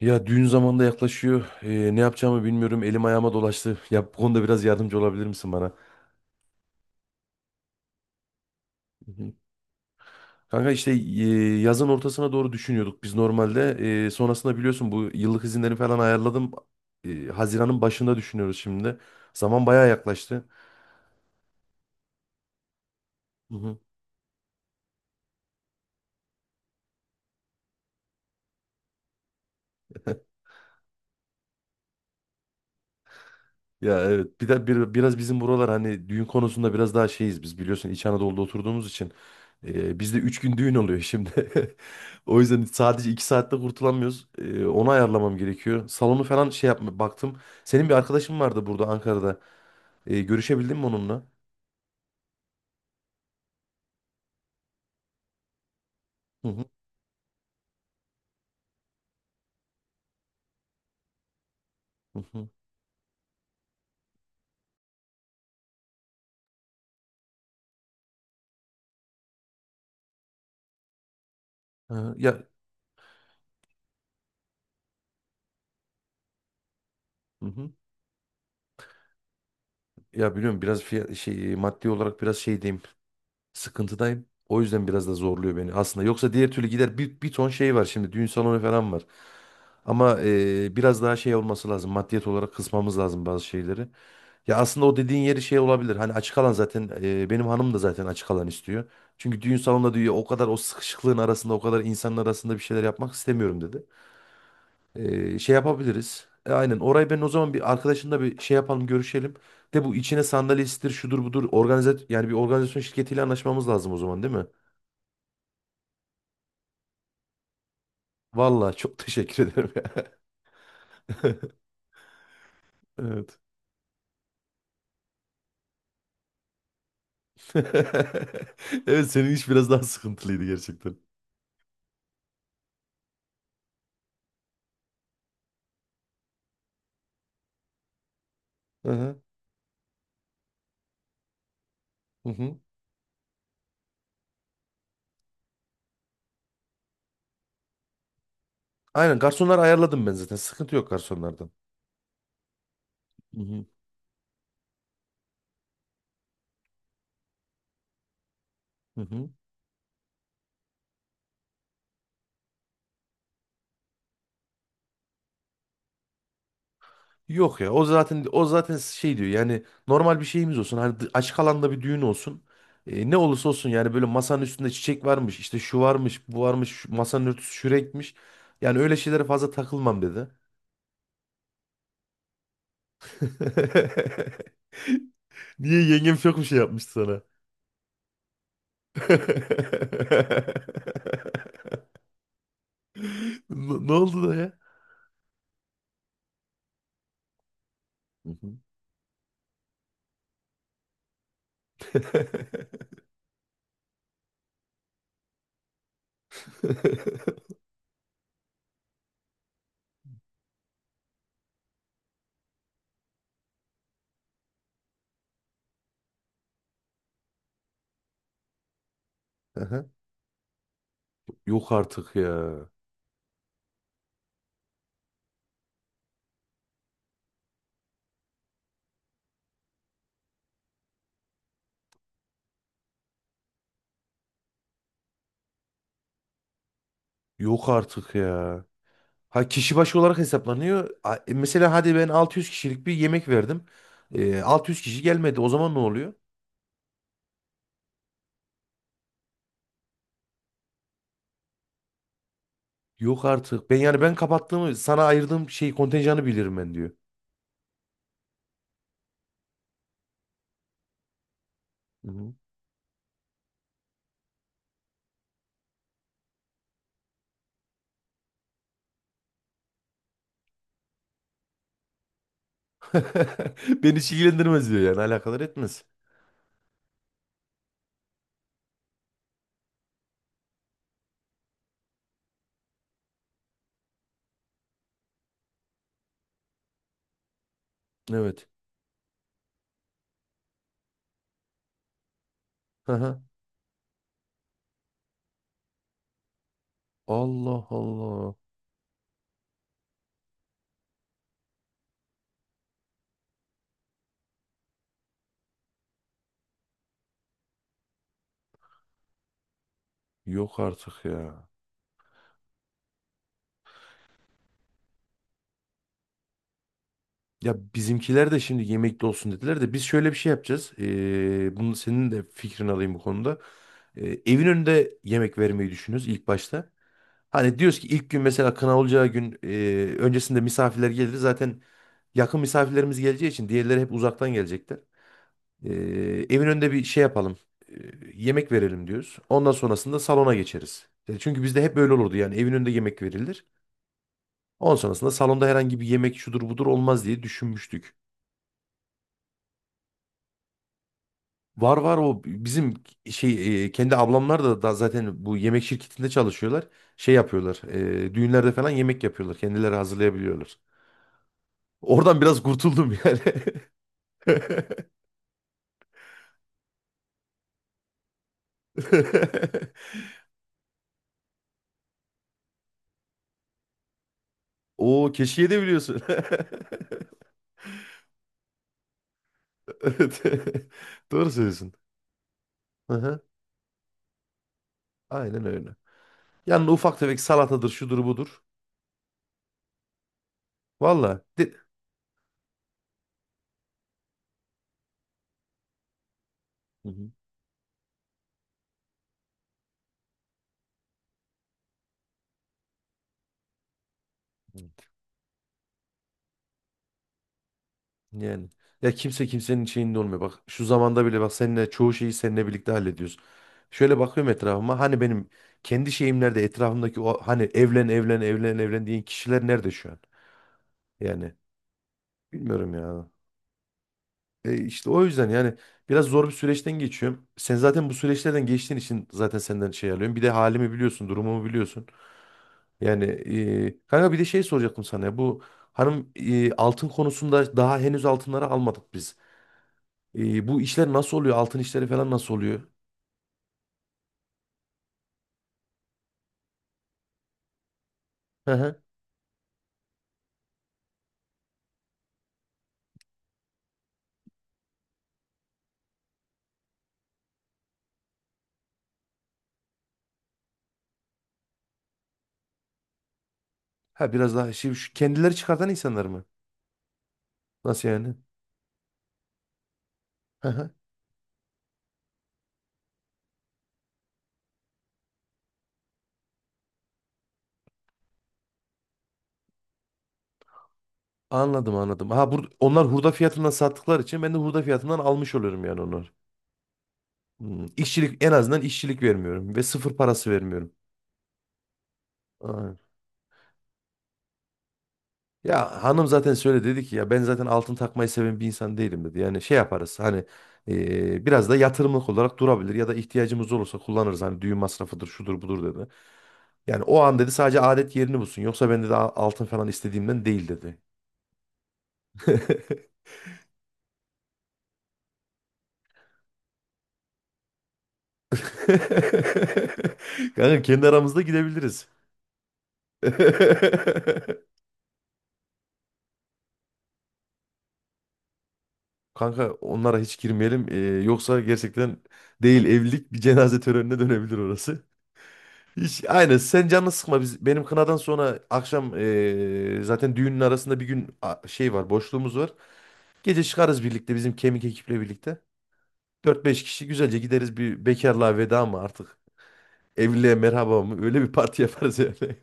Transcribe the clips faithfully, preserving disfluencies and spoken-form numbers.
Ya düğün zamanında yaklaşıyor. Ee, ne yapacağımı bilmiyorum. Elim ayağıma dolaştı. Ya bu konuda biraz yardımcı olabilir misin bana? Hı hı. Kanka işte e, yazın ortasına doğru düşünüyorduk biz normalde. E, sonrasında biliyorsun bu yıllık izinleri falan ayarladım. E, Haziran'ın başında düşünüyoruz şimdi. Zaman bayağı yaklaştı. Hı hı. Ya evet bir de bir, biraz bizim buralar hani düğün konusunda biraz daha şeyiz biz, biliyorsun, İç Anadolu'da oturduğumuz için e, bizde üç gün düğün oluyor şimdi. O yüzden sadece iki saatte kurtulamıyoruz. E, onu ayarlamam gerekiyor. Salonu falan şey yapma baktım. Senin bir arkadaşın vardı burada Ankara'da. E, görüşebildin mi onunla? Hı hı. Hı hı. Ha, ya, hı hı. Ya biliyorum, biraz fiyat, şey, maddi olarak biraz şey, sıkıntıdayım. O yüzden biraz da zorluyor beni aslında. Yoksa diğer türlü gider, bir, bir ton şey var şimdi. Düğün salonu falan var. Ama e, biraz daha şey olması lazım. Maddiyet olarak kısmamız lazım bazı şeyleri. Ya aslında o dediğin yeri şey olabilir. Hani açık alan zaten, e, benim hanım da zaten açık alan istiyor. Çünkü düğün salonunda diyor, o kadar o sıkışıklığın arasında, o kadar insanın arasında bir şeyler yapmak istemiyorum dedi. E, şey yapabiliriz. E, aynen orayı ben o zaman bir arkadaşımla bir şey yapalım, görüşelim. De bu içine sandalyesidir şudur budur organize, yani bir organizasyon şirketiyle anlaşmamız lazım o zaman, değil mi? Vallahi çok teşekkür ederim ya. Evet. Evet, senin iş biraz daha sıkıntılıydı gerçekten. Hı hı. Hı hı. Aynen, garsonları ayarladım ben zaten. Sıkıntı yok garsonlardan. Hı hı. Hı hı. Yok ya, o zaten o zaten şey diyor, yani normal bir şeyimiz olsun, hani dı- açık alanda bir düğün olsun. E, ne olursa olsun, yani böyle masanın üstünde çiçek varmış, işte şu varmış, bu varmış, şu- masanın örtüsü şu renkmiş, yani öyle şeylere fazla takılmam dedi. Niye, yengem çok bir şey yapmıştı sana? Ne ne oldu da ya? Hı hı. Aha. Yok artık ya. Yok artık ya. Ha, kişi başı olarak hesaplanıyor. A- e, Mesela hadi ben altı yüz kişilik bir yemek verdim. E, altı yüz kişi gelmedi. O zaman ne oluyor? Yok artık. Ben yani ben kapattığımı, sana ayırdığım şey kontenjanı bilirim ben, diyor. Hı hı. Beni hiç ilgilendirmez diyor, yani alakadar etmez. Evet. Aha. Allah Allah. Yok artık ya. Ya bizimkiler de şimdi yemekli olsun dediler de biz şöyle bir şey yapacağız. Ee, bunu senin de fikrini alayım bu konuda. Ee, evin önünde yemek vermeyi düşünüyoruz ilk başta. Hani diyoruz ki, ilk gün mesela kına olacağı gün e, öncesinde misafirler gelir. Zaten yakın misafirlerimiz geleceği için, diğerleri hep uzaktan gelecekler. Ee, Evin önünde bir şey yapalım. Ee, Yemek verelim diyoruz. Ondan sonrasında salona geçeriz. Yani çünkü bizde hep böyle olurdu, yani evin önünde yemek verilir. Ondan sonrasında salonda herhangi bir yemek şudur budur olmaz diye düşünmüştük. Var var, o bizim şey, e, kendi ablamlar da, da zaten bu yemek şirketinde çalışıyorlar. Şey yapıyorlar. E, düğünlerde falan yemek yapıyorlar. Kendileri hazırlayabiliyorlar. Oradan biraz kurtuldum yani. Oo, keşke de biliyorsun. Evet. Doğru söylüyorsun. Hı-hı. Aynen öyle. Yani ufak tefek salatadır, şudur budur. Valla. De... Hı hı. Yani ya, kimse kimsenin şeyinde olmuyor. Bak, şu zamanda bile bak, seninle çoğu şeyi seninle birlikte hallediyoruz. Şöyle bakıyorum etrafıma, hani benim kendi şeyimlerde, etrafımdaki o hani evlen evlen evlen evlen diyen kişiler nerede şu an? Yani bilmiyorum ya. E işte o yüzden yani biraz zor bir süreçten geçiyorum. Sen zaten bu süreçlerden geçtiğin için zaten senden şey alıyorum. Bir de halimi biliyorsun, durumumu biliyorsun. Yani e, kanka bir de şey soracaktım sana ya. Bu hanım, e, altın konusunda daha henüz altınları almadık biz. E, bu işler nasıl oluyor? Altın işleri falan nasıl oluyor? Hı hı. Ha, biraz daha şey, şu kendileri çıkartan insanlar mı? Nasıl yani? Hı hı. Anladım anladım. Ha, bur onlar hurda fiyatından sattıkları için ben de hurda fiyatından almış oluyorum yani onlar. Hmm. İşçilik, en azından işçilik vermiyorum ve sıfır parası vermiyorum. Aa. Ya hanım zaten söyle dedi ki, ya ben zaten altın takmayı seven bir insan değilim dedi. Yani şey yaparız hani, e, biraz da yatırımlık olarak durabilir ya da ihtiyacımız olursa kullanırız. Hani düğün masrafıdır şudur budur dedi. Yani o an dedi, sadece adet yerini bulsun. Yoksa ben dedi, "a- altın falan istediğimden değil" dedi. Kanka kendi aramızda gidebiliriz. Kanka onlara hiç girmeyelim. E, yoksa gerçekten, değil evlilik, bir cenaze törenine dönebilir orası. Hiç, aynen, sen canını sıkma, biz benim kınadan sonra akşam, eee, zaten düğünün arasında bir gün a- şey var, boşluğumuz var. Gece çıkarız birlikte, bizim kemik ekiple birlikte. Dört beş kişi güzelce gideriz, bir bekarlığa veda mı artık, evliliğe merhaba mı, öyle bir parti yaparız yani.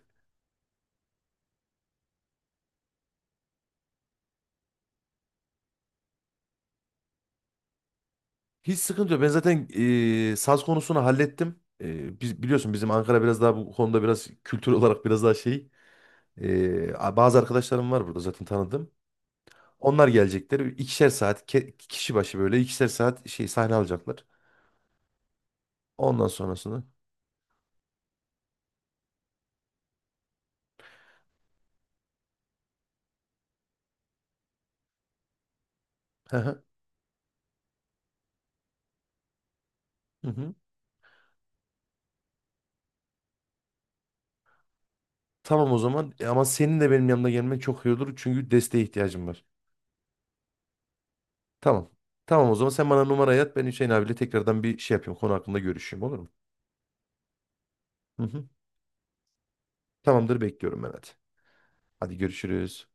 Hiç sıkıntı yok, ben zaten eee, saz konusunu hallettim. Eee, biz biliyorsun, bizim Ankara biraz daha bu konuda biraz kültür olarak biraz daha şey. Eee, bazı arkadaşlarım var burada zaten, tanıdım. Onlar gelecekler. ikişer saat ke- kişi başı, böyle ikişer saat şey sahne alacaklar. Ondan sonrasını. Hı hı. Hı hı. Tamam o zaman. E, ama senin de benim yanımda gelmen çok iyi olur çünkü desteğe ihtiyacım var. Tamam. Tamam o zaman, sen bana numarayı at, ben Hüseyin abiyle tekrardan bir şey yapayım, konu hakkında görüşeyim, olur mu? Hı hı. Tamamdır, bekliyorum ben, hadi. Hadi görüşürüz.